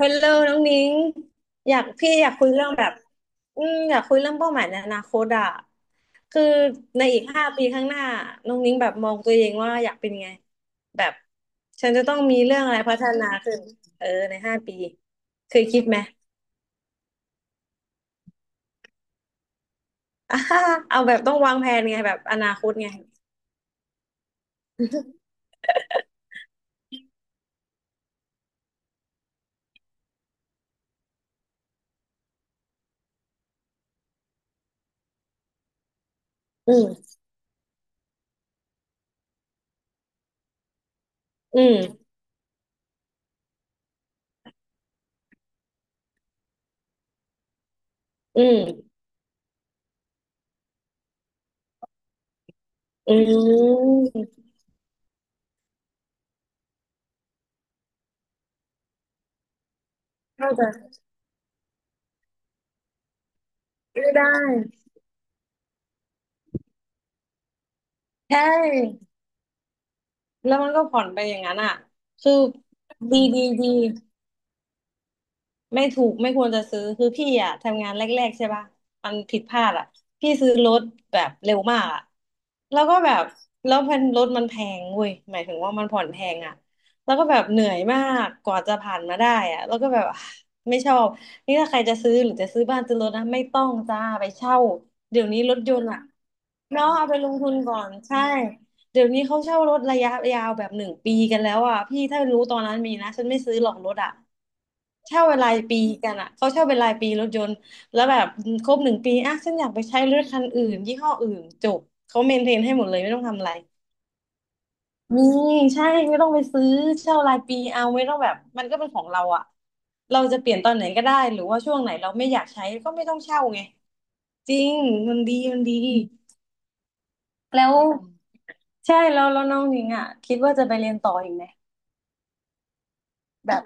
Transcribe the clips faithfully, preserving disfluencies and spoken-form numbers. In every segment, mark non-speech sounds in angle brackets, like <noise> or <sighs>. ฮัลโหลน้องนิ้งอยากพี่อยากคุยเรื่องแบบอืมอยากคุยเรื่องเป้าหมายในอนาคตอะคือในอีกห้าปีข้างหน้าน้องนิ้งแบบมองตัวเองว่าอยากเป็นไงแบบฉันจะต้องมีเรื่องอะไรพัฒนาขึ้นเออในห้าปีเคยคิดไหมอ่า <laughs> เอาแบบต้องวางแผนไงแบบอนาคตไงอืมอืมอืมอืมเข้าใจไม่ได้ใช่แล้วมันก็ผ่อนไปอย่างนั้นอ่ะคือดีดีดี ไม่ถูกไม่ควรจะซื้อคือพี่อ่ะทำงานแรกๆใช่ป่ะมันผิดพลาดอ่ะพี่ซื้อรถแบบเร็วมากอ่ะแล้วก็แบบแล้วพันรถมันแพงเว้ยหมายถึงว่ามันผ่อนแพงอ่ะแล้วก็แบบเหนื่อยมากกว่าจะผ่านมาได้อ่ะแล้วก็แบบ <sighs> อ่ะไม่ชอบนี่ถ้าใครจะซื้อหรือจะซื้อบ้านซื้อรถนะไม่ต้องจ้าไปเช่าเดี๋ยวนี้รถยนต์อ่ะเนาะเอาไปลงทุนก่อนใช่ เดี๋ยวนี้เขาเช่ารถระยะยาวแบบหนึ่งปีกันแล้วอ่ะพี่ถ้ารู้ตอนนั้นมีนะฉันไม่ซื้อหรอกรถอ่ะเช่าเป็นรายปีกันอ่ะเขาเช่าเป็นรายปีรถยนต์แล้วแบบครบหนึ่งปีอ่ะฉันอยากไปใช้รถคันอื่นยี่ห้ออื่นจบเขาเมนเทนให้หมดเลยไม่ต้องทำอะไรมีใช่ไม่ต้องไปซื้อเช่ารายปีเอาไม่ต้องแบบมันก็เป็นของเราอ่ะเราจะเปลี่ยนตอนไหนก็ได้หรือว่าช่วงไหนเราไม่อยากใช้ก็ไม่ต้องเช่าไงจริงมันดีมันดีแล้วใช่แล้วแล้วน้องหญิงอ่ะคิดว่าจะไปเรียนต่ออีกไหม แบบ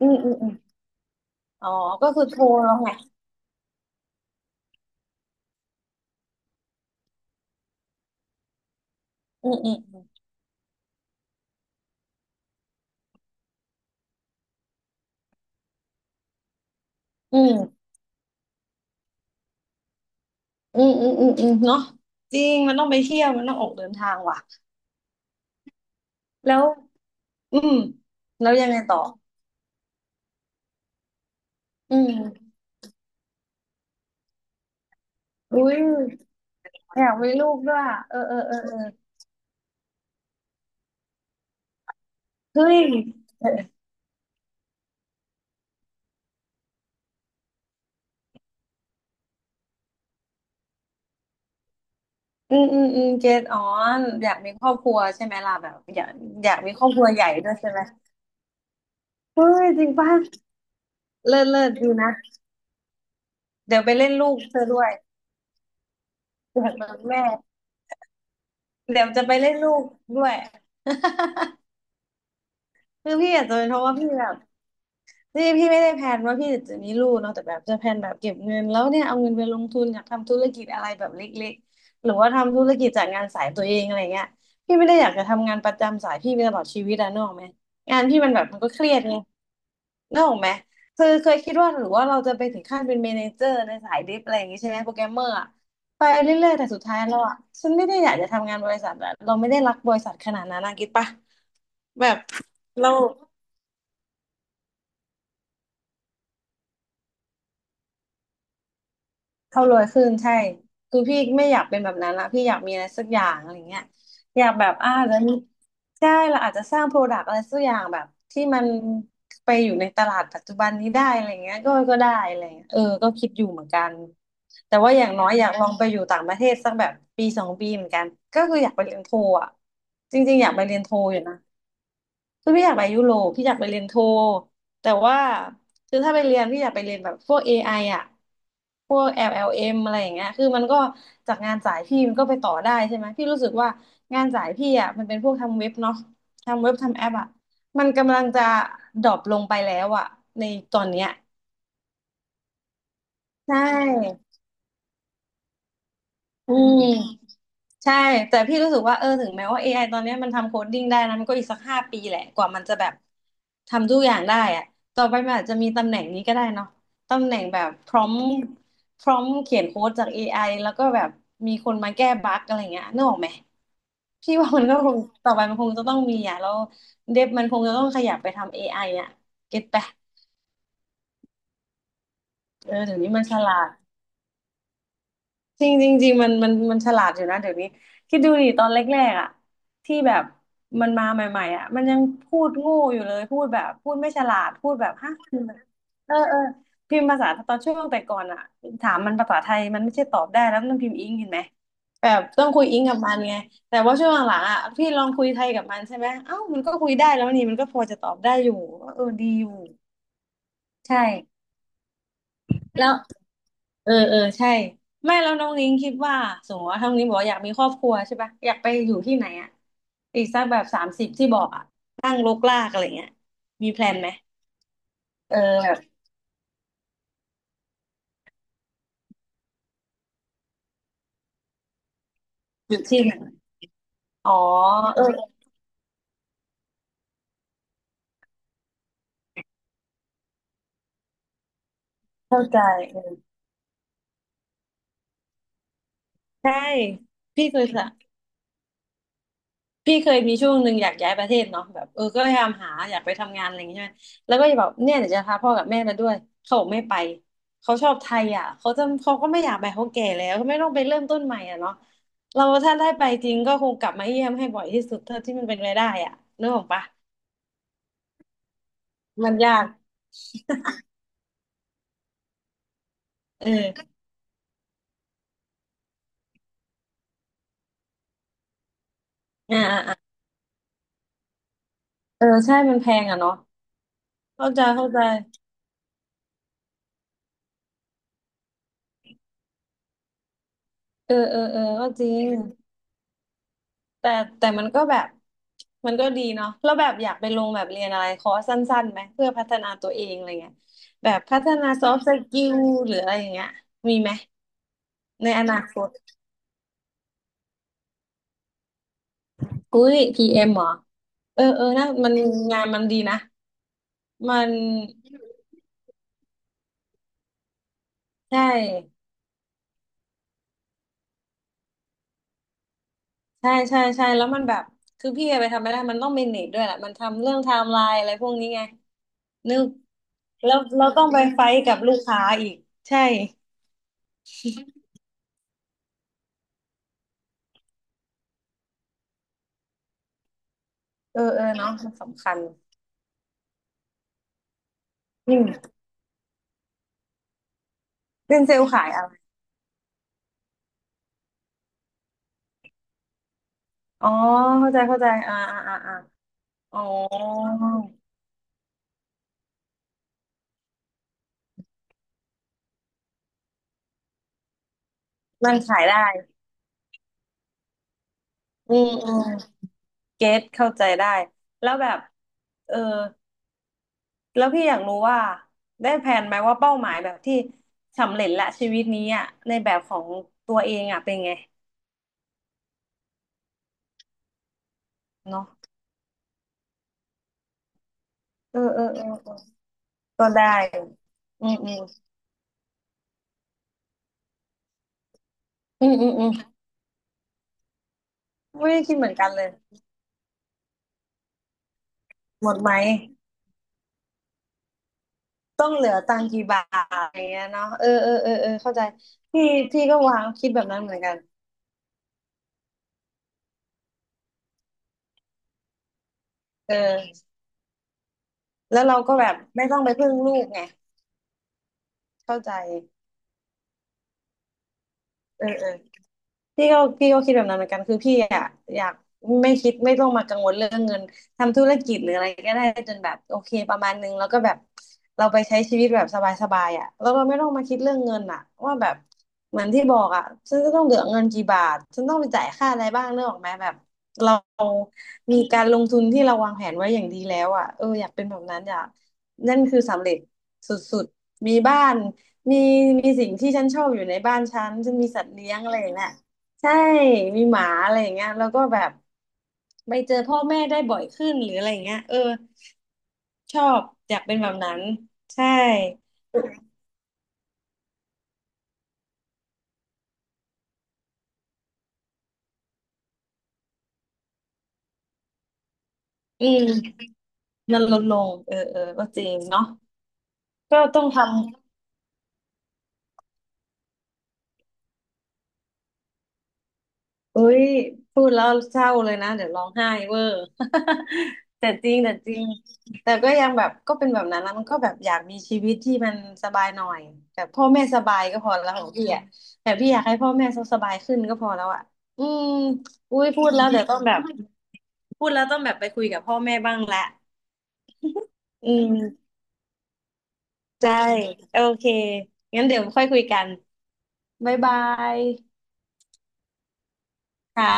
อืมอืมอืมอ๋อก็คือโทรแล้วไงอืมอืมอืมอืมอืมอืมอืมเนาะจริงมันต้องไปเที่ยวมันต้องออกเดินทางว่ะแล้วอืมแล้วยังไงต่ออืมอุ้ยอยากมีลูกด้วยอะเออเออเออเออเฮ้ยเอออืมอืมอืมเกตอ๋ออยากมีครอบครัวใช่ไหมล่ะแบบอยากอยากมีครอบครัวใหญ่ด้วยใช่ไหมเฮ้ยจริงป่ะเลิศเลิศดีนะเดี๋ยวไปเล่นลูกเธอด้วยอยากเป็นแม่เดี๋ยวจะไปเล่นลูกด้วย คือพี่อาจจะเป็นเพราะว่าพี่แบบนี่พี่ไม่ได้แพลนว่าพี่จะมีลูกเนาะแต่แบบจะแพลนแบบเก็บเงินแล้วเนี่ยเอาเงินไปลงทุนอยากทำธุรกิจอะไรแบบเล็กๆหรือว่าทำธุรกิจจากงานสายตัวเองอะไรเงี้ยพี่ไม่ได้อยากจะทำงานประจำสายพี่ไปตลอดชีวิตอะนึกออกไหมงานพี่มันแบบมันก็เครียดไงนึกออกไหมคือเคยคิดว่าหรือว่าเราจะไปถึงขั้นเป็นเมเนเจอร์ในสายดิฟอะไรอย่างงี้ใช่ไหมโปรแกรมเมอร์อะไปเรื่อยๆแต่สุดท้ายแล้วอะฉันไม่ได้อยากจะทำงานบริษัทอะเราไม่ได้รักบริษัทขนาดนั้นนะคิดปะแบบเรา เขารวยขึ้นใช่คือพี่ไม่อยากเป็นแบบนั้นละพี่อยากมีอะไรสักอย่างอะไรเงี้ยอยากแบบอ่าแล้วใช่เราอาจจะสร้างโปรดักต์อะไรสักอย่างแบบที่มันไปอยู่ในตลาดปัจจุบันนี้ได้อะไรเงี้ยก็ก็ได้อะไรเงี้ยเออก็คิดอยู่เหมือนกันแต่ว่าอย่างน้อยอยากลองไปอยู่ต่างประเทศสักแบบปีสองปีเหมือนกันก็คืออยากไปเรียนโทอ่ะจริงๆอยากไปเรียนโทอยู่นะ คือพี่อยากไปยุโรปพี่อยากไปเรียนโทแต่ว่าคือถ้าไปเรียนพี่อยากไปเรียนแบบพวกเอ i ออะพวกแอล m อลเอ็มอะไรอย่างเงี้ยคือมันก็จากงานสายพี่มันก็ไปต่อได้ใช่ไหมพี่รู้สึกว่างานสายพี่อะมันเป็นพวกทำเว็บเนาะทำเว็บทำแอปอะมันกำลังจะดรอปลงไปแล้วอะในตอนเนี้ยใช่อืม ใช่แต่พี่รู้สึกว่าเออถึงแม้ว่า เอ ไอ ตอนเนี้ยมันทำโคดดิ้งได้นะมันก็อีกสักห้าปีแหละกว่ามันจะแบบทำทุกอย่างได้อะต่อไปมันอาจจะมีตำแหน่งนี้ก็ได้เนาะตำแหน่งแบบพร้อมพร้อมเขียนโค้ดจาก เอ ไอ แล้วก็แบบมีคนมาแก้บั๊กอะไรเงี้ยนึกออกไหมพี่ว่ามันก็คงต่อไปมันคงจะต้องมีอ่ะแล้วเดฟมันคงจะต้องขยับไปทำ เอ ไอ อไออ่ะเก็ตปะเออเดี๋ยวนี้มันฉลาด จริงจริงจริงมันมันมันฉลาดอยู่นะเดี๋ยวนี้คิดดูดิตอนแรกๆอ่ะที่แบบมันมาใหม่ๆอ่ะมันยังพูดโง่อยู่เลยพูดแบบพูดไม่ฉลาดพูดแบบฮะพิมพ์แบบเออเออพิมพ์ภาษาตอนช่วงแต่ก่อนอ่ะถามมันภาษาไทยมันไม่ใช่ตอบได้แล้วมันพิมพ์อิงเห็นไหมแบบต้องคุยอิงกับมันไงแต่ว่าช่วงหลังๆอ่ะพี่ลองคุยไทยกับมันใช่ไหมเอ้ามันก็คุยได้แล้วนี่มันก็พอจะตอบได้อยู่เออดีอยู่ใช่แล้ว เออเออใช่ไม่แล้วน้องนิ้งคิดว่าสมมติว่าท้องนิ้งบอกว่าอยากมีครอบครัวใช่ปะอยากไปอยู่ที่ไหนอ่ะอีกสักแบบสามสิบที่บอกอ่ะตั้งรกรากอะไรเงี้ยมีแพลนไหมเออแบบอยู่ที่ไหนอ๋อเออเข้าใจเออใช่พี่เคยสะ พี่เคยมีช่วงหนึ่งอยากย้ายประเทศเนาะแบบเออก็พยายามหาอยากไปทำงานอะไรอย่างเงี้ยใช่ไหมแล้วก็จะบอกเนี่ยเดี๋ยวจะพาพ่อกับแม่มาด้วยเขาบอกไม่ไปเขาชอบไทยอ่ะเขาจะเขาก็ไม่อยากไปเขาแก่แล้วเขาไม่ต้องไปเริ่มต้นใหม่อ่ะเนาะเราถ้าได้ไปจริงก็คงกลับมาเยี่ยมให้บ่อยที่สุดเท่าที่มันเป็นไปได้อ่ะนึกออกปะมันยากเอออ่าอ่าอ่าเออใช่มันแพงอ่ะเนาะเข้าใจเข้าใจเออเออเออก็จริง แต่แต่มันก็แบบมันก็ดีเนาะแล้วแบบอยากไปลงแบบเรียนอะไรคอร์สสั้นๆไหมเพื่อพัฒนาตัวเองอะไรเงี้ยแบบพัฒนาซอฟต์สกิลหรืออะไรอย่างเงี้ยมีไหมในอนาคตอุ้ยพีเอ็มเหรอเออเออนะมันงานมันดีนะมันใช่ใช่ใช่ใช่แล้วมันแบบคือพี่ไปทำไม่ได้มันต้องเมเนจด้วยแหละมันทำเรื่องไทม์ไลน์อะไรพวกนี้ไงนึกแล้วเราต้องไปไฟท์กับลูกค้าอีกใช่เออเออเนาะมันสำคัญอืม เป็นเซลล์ขายอะไรอ๋อเข้าใจเข้าใจอ่าอ่าอ่าอาอ๋อมันขายได้อืมอืมเก็ตเข้าใจได้ แล้วแบบเออแล้วพี่อยากรู้ว่าได้แผนไหมว่าเป้าหมายแบบที่สำเร็จละชีวิตนี้อ่ะในแบบของตัวเองอ่ะเป็นไงเนาะเออเออเออเออก็ได้อืมอืมอืมอืมอืมไม่ได้คิดเหมือนกันเลย หมดไหม ต้องเหลือตังค์กี่บาทอะไรเงี้ยเนาะเออเออเออเออเข้าใจพี่พี่ก็วางคิดแบบนั้นเหมือนกันเออแล้วเราก็แบบไม่ต้องไปพึ่งลูกไงเข้าใจเออเออ พี่ก็พี่ก็คิดแบบนั้นเหมือนกันคือพี่อะอยากไม่คิดไม่ต้องมากังวลเรื่องเงินทำธุรกิจหรืออะไรก็ได้จนแบบโอเคประมาณนึงแล้วก็แบบเราไปใช้ชีวิตแบบสบายๆอะแล้วเราไม่ต้องมาคิดเรื่องเงินอะว่าแบบเหมือนที่บอกอะฉันจะต้องเหลือเงินกี่บาทฉันต้องไปจ่ายค่าอะไรบ้างเนกออกไหมแบบเรามีการลงทุนที่เราวางแผนไว้อย่างดีแล้วอะเอออยากเป็นแบบนั้นอยากนั่นคือสำเร็จสุดๆมีบ้านมีมีสิ่งที่ฉันชอบอยู่ในบ้านฉันฉันมีสัตว์เลี้ยงอะไรอย่างเงี้ย ใช่ มีหมาอะไรอย่างเงี้ยแล้วก็แบบไปเจอพ่อแม่ได้บ่อยขึ้นหรืออะไรอย่างเงี้ยเออ ชอบอยากเป็นแบบนั้น ใช่ อืมมันลดลง เออเออก็จริงเนาะก็ต้องทำ เอ้ยพูดแล้วเศร้าเลยนะเดี๋ยวร้องไห้เวอร์ <laughs> แต่จริงแต่จริงแต่ก็ยังแบบก็เป็นแบบนั้นนะมันก็แบบอยากมีชีวิตที่มันสบายหน่อยแบบพ่อแม่สบายก็พอแล้วของพี่อ่ะแต่พี่อยากให้พ่อแม่เขาสบายขึ้นก็พอแล้วอ่ะอืมอุ้ยพูดแล้วเดี๋ยวต้องแบบพูดแล้วต้องแบบไปคุยกับพ่อแม่บ้างละอืมใช่โอเคงั้นเดี๋ยวค่อยคุยกันบ๊ายบายค่ะ